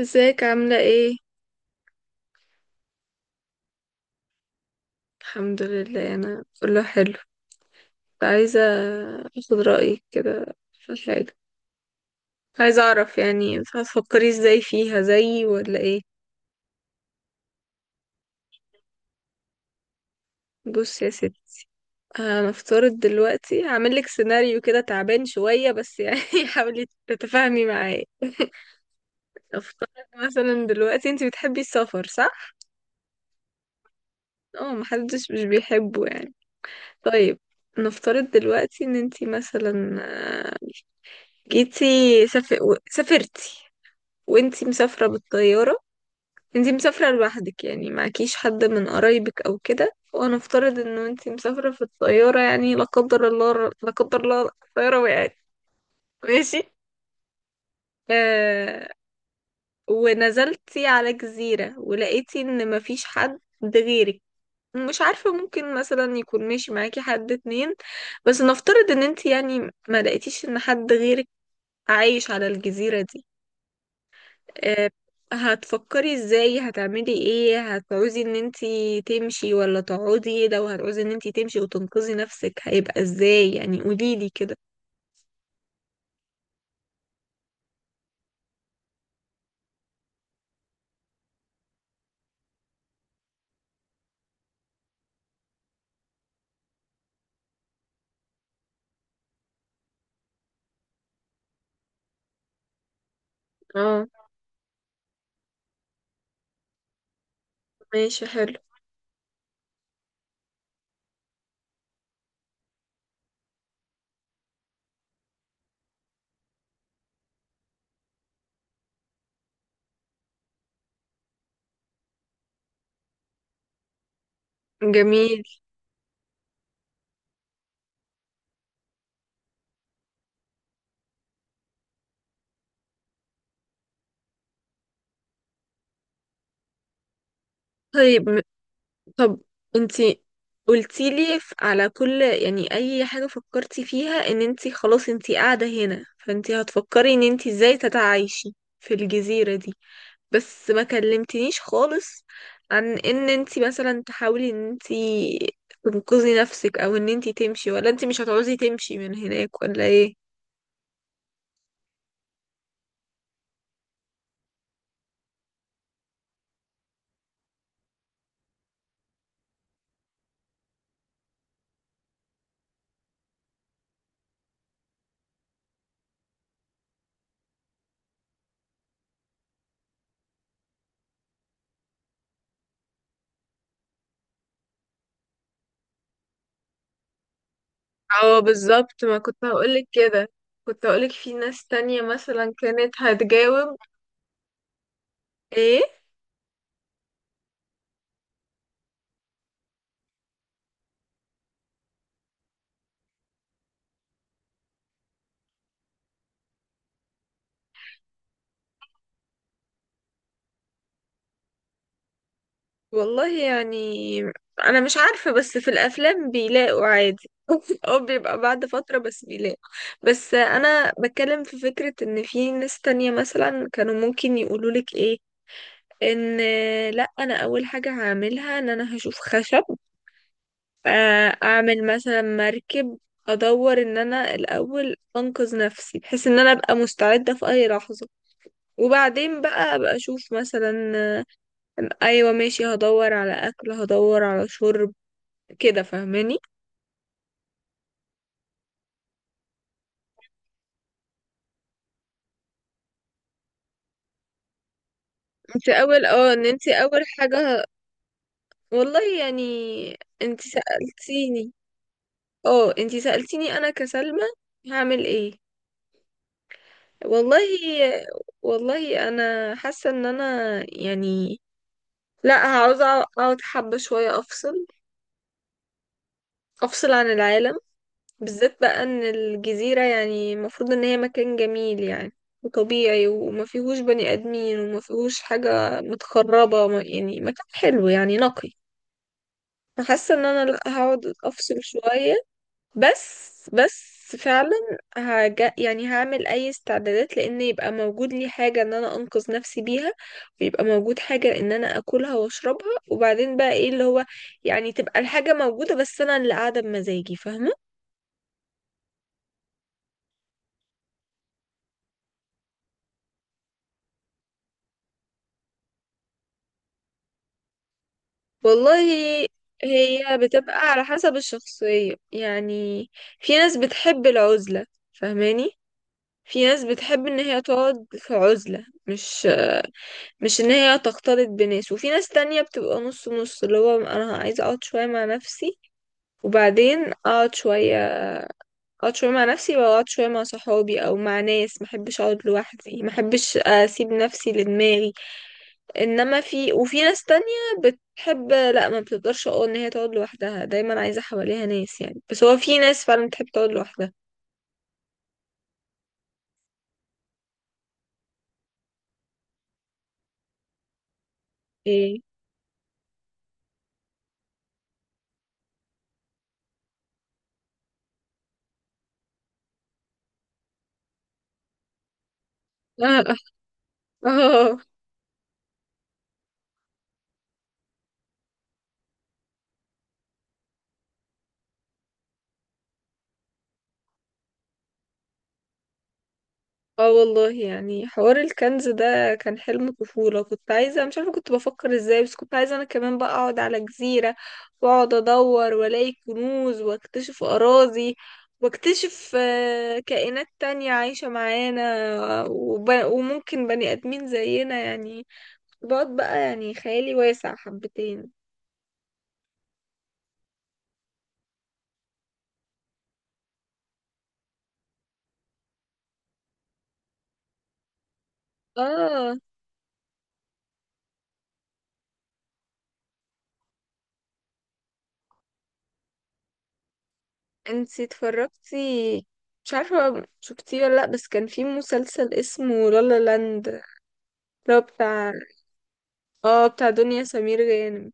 ازيك عاملة ايه؟ الحمد لله، انا كله حلو. كنت عايزة اخد رأيك كده في حاجة. عايزة اعرف، يعني انت هتفكري ازاي فيها زيي ولا ايه؟ بص يا ستي. هنفترض دلوقتي هعملك سيناريو كده تعبان شوية، بس يعني حاولي تتفاهمي معايا. افترض مثلا، دلوقتي انت بتحبي السفر صح؟ اه، محدش مش بيحبه يعني. طيب. نفترض دلوقتي ان انت مثلا آه، جيتي سافر... سافرتي، وانتي مسافرة بالطيارة. انتي مسافرة لوحدك، يعني معكيش حد من قرايبك او كده، وانا افترض انه انتي مسافرة في الطيارة، يعني لا قدر الله، لا قدر الله الطيارة وقعت. ماشي. آه. ونزلتي على جزيرة ولقيتي ان مفيش حد غيرك. مش عارفة، ممكن مثلا يكون ماشي معاكي حد اتنين، بس نفترض ان انتي يعني ما لقيتيش ان حد غيرك عايش على الجزيرة دي. آه، هتفكري ازاي؟ هتعملي ايه؟ هتعوزي ان انتي تمشي ولا تقعدي؟ لو هتعوزي ان انتي تمشي وتنقذي نفسك هيبقى ازاي؟ يعني قوليلي كده. اه، ماشي. حلو. جميل. طيب. طب انتي قلتيلي على كل، يعني اي حاجة فكرتي فيها ان انتي خلاص انتي قاعدة هنا، فانتي هتفكري ان انتي ازاي تتعايشي في الجزيرة دي. بس ما كلمتنيش خالص عن ان انتي مثلا تحاولي ان انتي تنقذي نفسك، او ان انتي تمشي، ولا انتي مش هتعوزي تمشي من هناك، ولا ايه؟ اه بالظبط، ما كنت هقولك كده. كنت هقولك في ناس تانية مثلا كانت هتجاوب. ايه، والله يعني انا مش عارفة، بس في الافلام بيلاقوا عادي او بيبقى بعد فترة بس بيلاقوا. بس انا بتكلم في فكرة ان في ناس تانية مثلا كانوا ممكن يقولولك ايه. ان لا، انا اول حاجة هعملها ان انا هشوف خشب. اعمل مثلا مركب. ادور ان انا الاول انقذ نفسي، بحيث ان انا ابقى مستعدة في اي لحظة. وبعدين بقى ابقى اشوف مثلا آه، ايوه ماشي، هدور على اكل، هدور على شرب. كده فاهماني؟ انت اول اه ان انت اول حاجة. والله يعني، انت سألتيني اه انت سألتيني انا كسلمى هعمل ايه؟ والله، والله انا حاسه ان انا يعني لا، عاوزه اقعد حبه شويه، افصل، افصل عن العالم. بالذات بقى ان الجزيره يعني المفروض ان هي مكان جميل يعني، وطبيعي، وما فيهوش بني ادمين، وما فيهوش حاجه متخربه، يعني مكان حلو يعني نقي. فحاسه ان انا لا، هقعد افصل شويه. بس فعلا. يعني هعمل اي استعدادات، لان يبقى موجود لي حاجة ان انا انقذ نفسي بيها. ويبقى موجود حاجة ان انا اكلها واشربها، وبعدين بقى ايه اللي هو، يعني تبقى الحاجة موجودة، بس انا اللي قاعدة بمزاجي، فاهمة؟ والله هي بتبقى على حسب الشخصية يعني. في ناس بتحب العزلة، فاهماني؟ في ناس بتحب ان هي تقعد في عزلة، مش ان هي تختلط بناس. وفي ناس تانية بتبقى نص نص، اللي هو انا عايزة اقعد شوية مع نفسي وبعدين اقعد شوية اقعد شوية مع نفسي، واقعد شوية مع صحابي او مع ناس. محبش اقعد لوحدي، محبش اسيب نفسي لدماغي. انما وفي ناس تانية بتحب. لا، ما بتقدرش اقول ان هي تقعد لوحدها دايما، عايزة حواليها ناس يعني. بس هو في ناس فعلا بتحب تقعد لوحدها. ايه. اه. اه. اه والله يعني حوار الكنز ده كان حلم طفولة. كنت عايزة، مش عارفة كنت بفكر ازاي، بس كنت عايزة انا كمان بقى اقعد على جزيرة. واقعد ادور والاقي كنوز، واكتشف اراضي. واكتشف كائنات تانية عايشة معانا، وممكن بني ادمين زينا يعني. بقعد بقى يعني، خيالي واسع حبتين. اه، انتي اتفرجتي، مش عارفة شفتيه ولا لأ، بس كان في مسلسل اسمه لالا لاند، اللي هو بتاع، اه بتاع دنيا سمير غانم.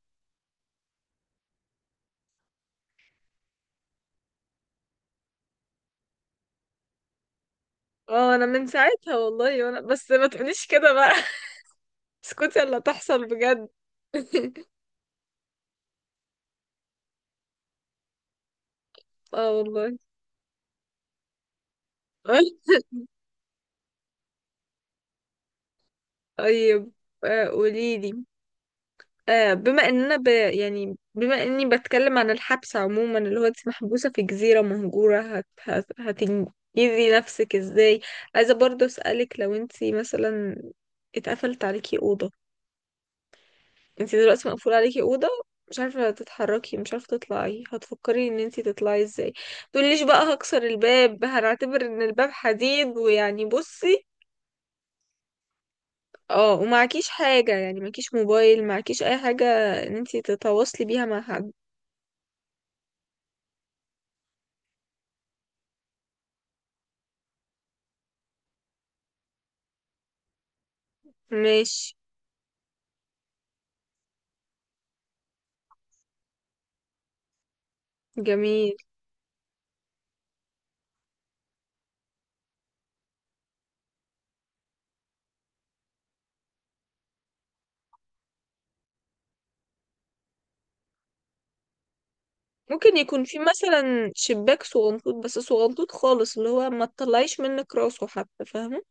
اه، انا من ساعتها والله، وانا بس ما تقوليش كده بقى اسكتي، اللي تحصل بجد. اه والله. طيب، قوليلي. بما اننا يعني بما اني بتكلم عن الحبس عموما، اللي هو انت محبوسة في جزيرة مهجورة، هتنجزي نفسك ازاي؟ عايزة برضه اسألك، لو انت مثلا اتقفلت عليكي أوضة. انتي دلوقتي مقفول عليكي اوضه، مش عارفه تتحركي، مش عارفه تطلعي، هتفكري ان انتي تطلعي ازاي؟ تقوليش بقى هكسر الباب، هنعتبر ان الباب حديد، ويعني بصي. اه، ومعكيش حاجه، يعني معكيش موبايل، معكيش اي حاجه ان انتي تتواصلي بيها مع حد. ماشي. جميل. ممكن يكون في مثلا شباك صغنطوط، بس صغنطوط خالص، اللي هو ما تطلعيش منك راسه حتى، فاهمه؟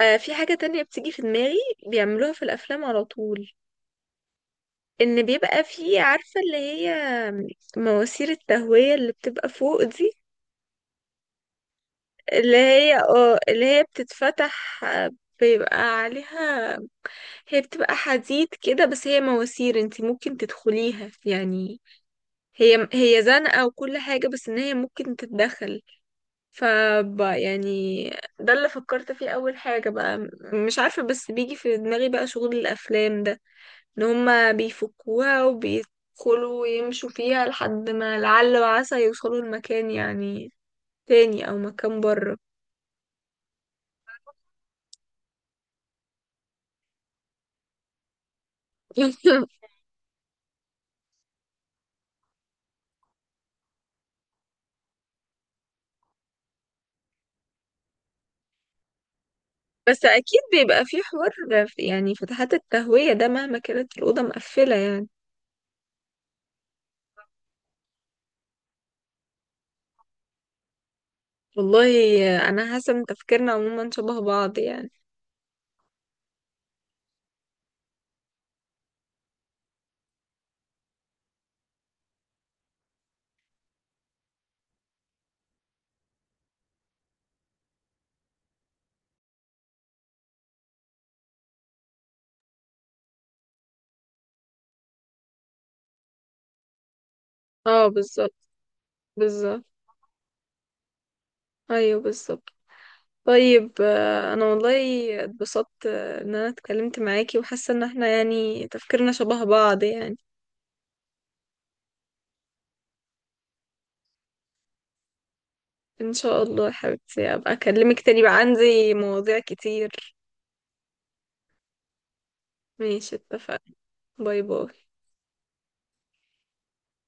آه، في حاجه تانية بتيجي في دماغي، بيعملوها في الافلام على طول. ان بيبقى فيه، عارفة، اللي هي مواسير التهوية اللي بتبقى فوق دي. اللي هي بتتفتح، بيبقى عليها، هي بتبقى حديد كده، بس هي مواسير انتي ممكن تدخليها يعني. هي زنقة وكل حاجة، بس ان هي ممكن تتدخل، ف يعني ده اللي فكرت فيه اول حاجة بقى. مش عارفة، بس بيجي في دماغي بقى شغل الافلام ده، ان هما بيفكوها وبيدخلوا يمشوا فيها لحد ما لعل وعسى يوصلوا لمكان يعني تاني، او مكان بره. بس اكيد بيبقى في حوار يعني فتحات التهوية ده، مهما كانت الأوضة مقفلة يعني. والله انا حاسة ان تفكيرنا عموما شبه بعض يعني. اه بالظبط. بالظبط. ايوه بالظبط. طيب، انا والله اتبسطت ان انا اتكلمت معاكي، وحاسة ان احنا يعني تفكيرنا شبه بعض يعني. ان شاء الله يا حبيبتي، ابقى اكلمك تاني بقى، عندي مواضيع كتير. ماشي، اتفقنا. باي باي.